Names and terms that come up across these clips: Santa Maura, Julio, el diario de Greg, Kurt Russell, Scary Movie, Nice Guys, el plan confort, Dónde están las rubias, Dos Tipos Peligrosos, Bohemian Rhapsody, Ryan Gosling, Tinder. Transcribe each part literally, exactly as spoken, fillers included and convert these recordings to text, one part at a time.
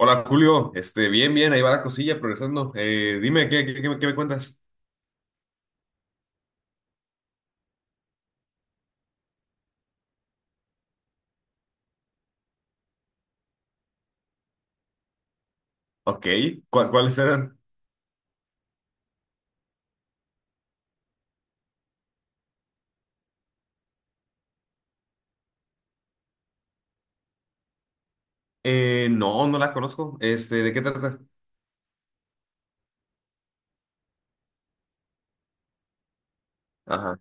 Hola Julio, este, bien, bien, ahí va la cosilla progresando. Eh, dime, ¿qué, qué, qué me qué me cuentas? Ok, ¿cuá- ¿cuáles eran? Eh, no, no la conozco. Este, ¿de qué trata? Ajá,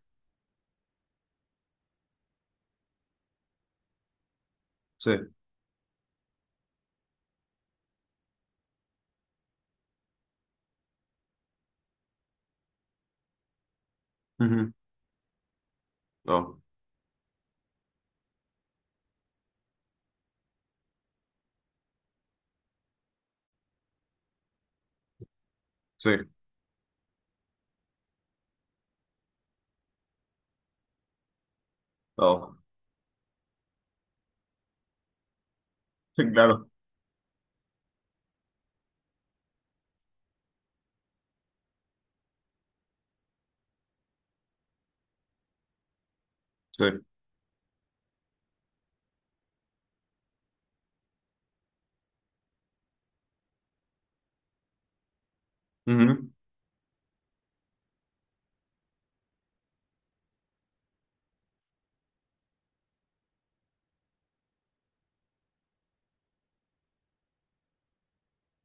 sí. Ujú. Oh, sí. Oh, claro, sí. Ujú.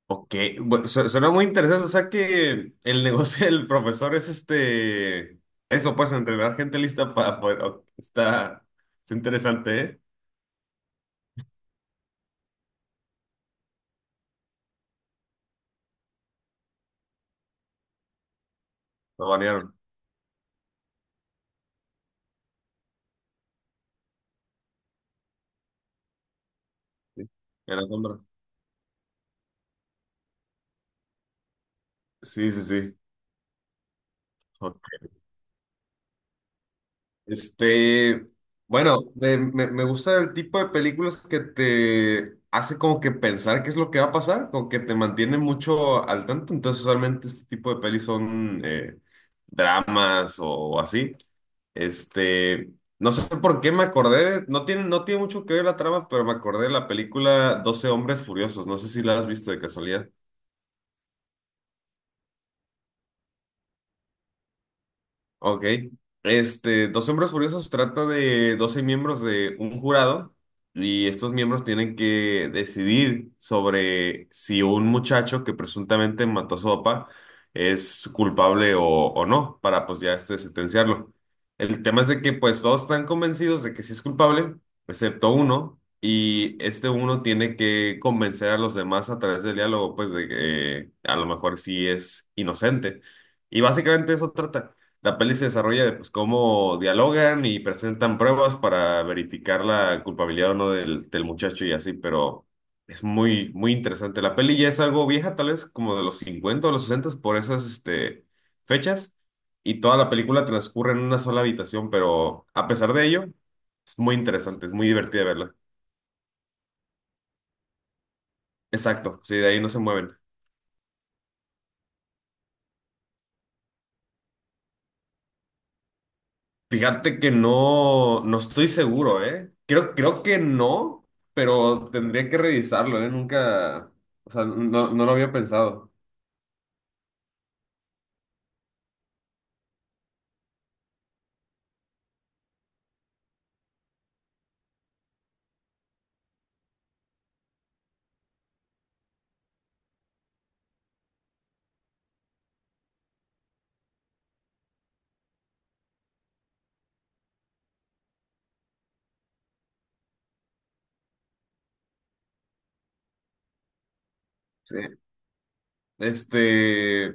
Ok, bueno, su- suena muy interesante. O sea que el negocio del profesor es este, eso, pues, entrenar gente lista para poder. Ok, está, está interesante, ¿eh? Lo banearon. Sí. En la sombra. Sí, sí, sí. Este, bueno, me, me- me gusta el tipo de películas que te hace como que pensar qué es lo que va a pasar, como que te mantiene mucho al tanto. Entonces, usualmente este tipo de pelis son eh, dramas o así. Este, no sé por qué me acordé, de- no tiene, no tiene mucho que ver la trama, pero me acordé de la película Doce Hombres Furiosos. No sé si la has visto de casualidad. Ok. Este, Dos Hombres Furiosos trata de doce miembros de un jurado y estos miembros tienen que decidir sobre si un muchacho que presuntamente mató a su papá es culpable o, o no para pues ya este sentenciarlo. El tema es de que pues todos están convencidos de que sí es culpable, excepto uno, y este uno tiene que convencer a los demás a través del diálogo pues de que eh, a lo mejor sí es inocente. Y básicamente eso trata. La peli se desarrolla de pues, cómo dialogan y presentan pruebas para verificar la culpabilidad o no del, del muchacho y así, pero es muy, muy interesante. La peli ya es algo vieja, tal vez como de los cincuenta o los sesenta por esas este, fechas, y toda la película transcurre en una sola habitación, pero a pesar de ello, es muy interesante, es muy divertida verla. Exacto, sí, de ahí no se mueven. Fíjate que no, no estoy seguro, ¿eh? Creo, creo que no, pero tendría que revisarlo, ¿eh? Nunca, o sea, no, no lo había pensado. Sí. Este,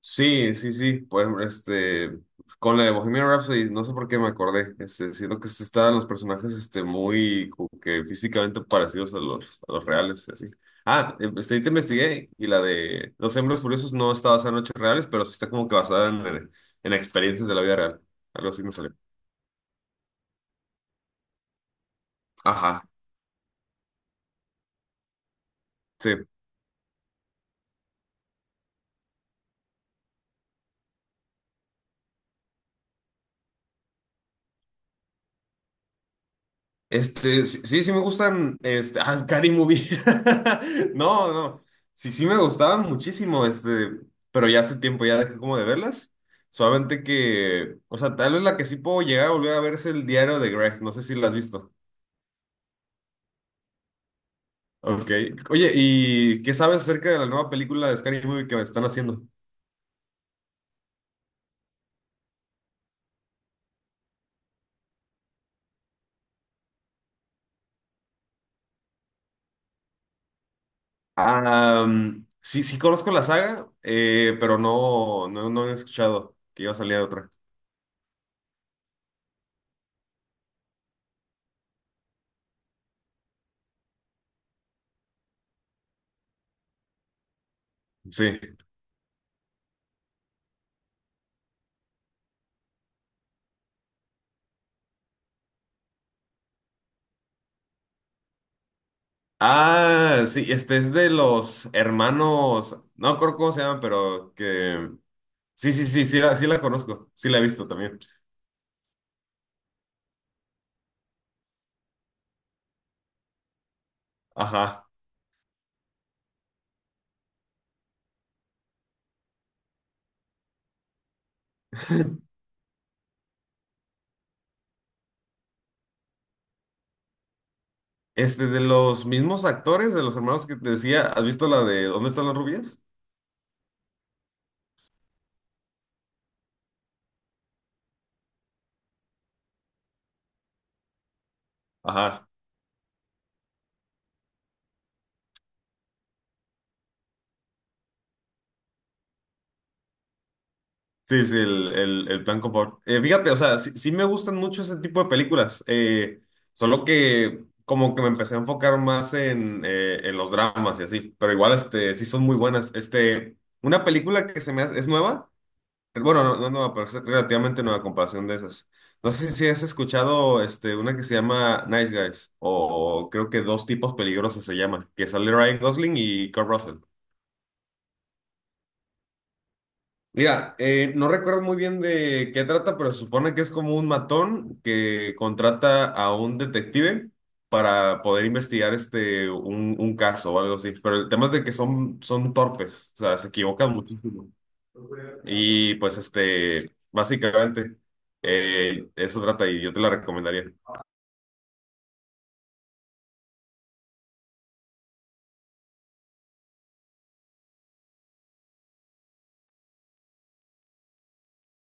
sí, sí, sí, pues este, con la de Bohemian Rhapsody, no sé por qué me acordé, este, siento que se estaban los personajes, este, muy, como que físicamente parecidos a los, a los reales, y así. Ah, eh, este, ahí te investigué, y la de Los Hombres Furiosos no está basada en hechos reales, pero sí está como que basada en, en experiencias de la vida real, algo así me salió. Ajá, sí. Este, sí, sí sí me gustan, este, ah, Scary Movie. No, no, sí, sí me gustaban muchísimo, este, pero ya hace tiempo ya dejé como de verlas. Solamente que, o sea, tal vez la que sí puedo llegar a volver a ver es El Diario de Greg, no sé si la has visto. Ok. Oye, ¿y qué sabes acerca de la nueva película de Scary Movie que están haciendo? Ah, um, sí, sí conozco la saga, eh, pero no, no, no he escuchado que iba a salir otra. Sí. Ah, sí, este es de los hermanos, no recuerdo cómo se llaman, pero que... Sí, sí, sí, sí la, sí la conozco, sí la he visto también. Ajá. Este, de los mismos actores, de los hermanos que te decía, ¿has visto la de ¿Dónde están las rubias? Ajá. Sí, sí, el, el, el plan confort. Eh, fíjate, o sea, sí, sí me gustan mucho ese tipo de películas, eh, solo que como que me empecé a enfocar más en, eh, en los dramas y así, pero igual este, sí son muy buenas. Este, una película que se me hace, es nueva. Bueno, no, no, no, pero es relativamente nueva comparación de esas. No sé si has escuchado este, una que se llama Nice Guys, o, o creo que Dos Tipos Peligrosos se llama, que sale Ryan Gosling y Kurt Russell. Mira, eh, no recuerdo muy bien de qué trata, pero se supone que es como un matón que contrata a un detective para poder investigar este, un, un caso o algo así. Pero el tema es de que son, son torpes, o sea, se equivocan muchísimo. Y pues este, básicamente, eh, eso trata y yo te la recomendaría.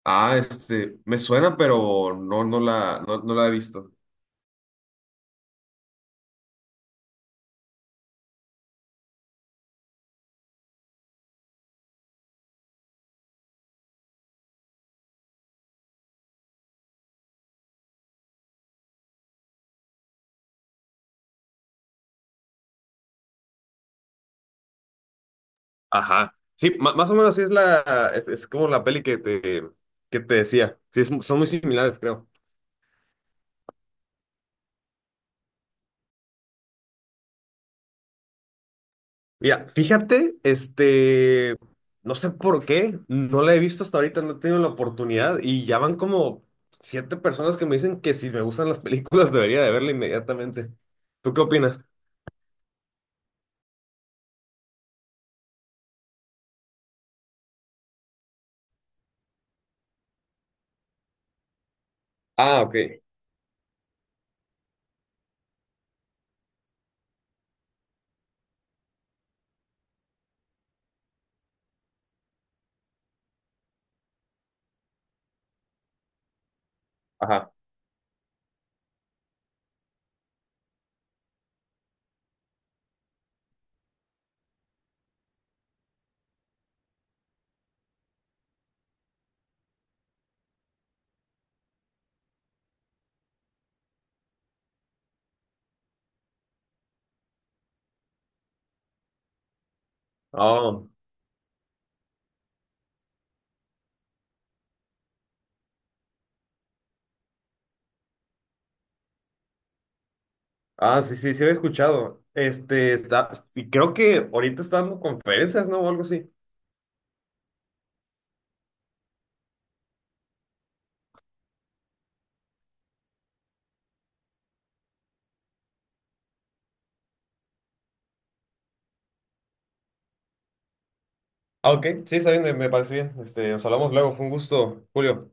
Ah, este, me suena, pero no, no la, no, no la he visto. Ajá. Sí, ma- más o menos sí es la, es, es como la peli que te, que te decía. Sí, es- son muy similares, creo. Mira, fíjate, este, no sé por qué, no la he visto hasta ahorita, no he tenido la oportunidad y ya van como siete personas que me dicen que si me gustan las películas debería de verla inmediatamente. ¿Tú qué opinas? Ah, ok. Ajá. Oh. Ah, sí, sí, sí había escuchado. Este, está, sí, creo que ahorita está dando conferencias, ¿no? O algo así. Ah, ok, sí, está bien, me me parece bien. Este, nos hablamos luego, fue un gusto, Julio.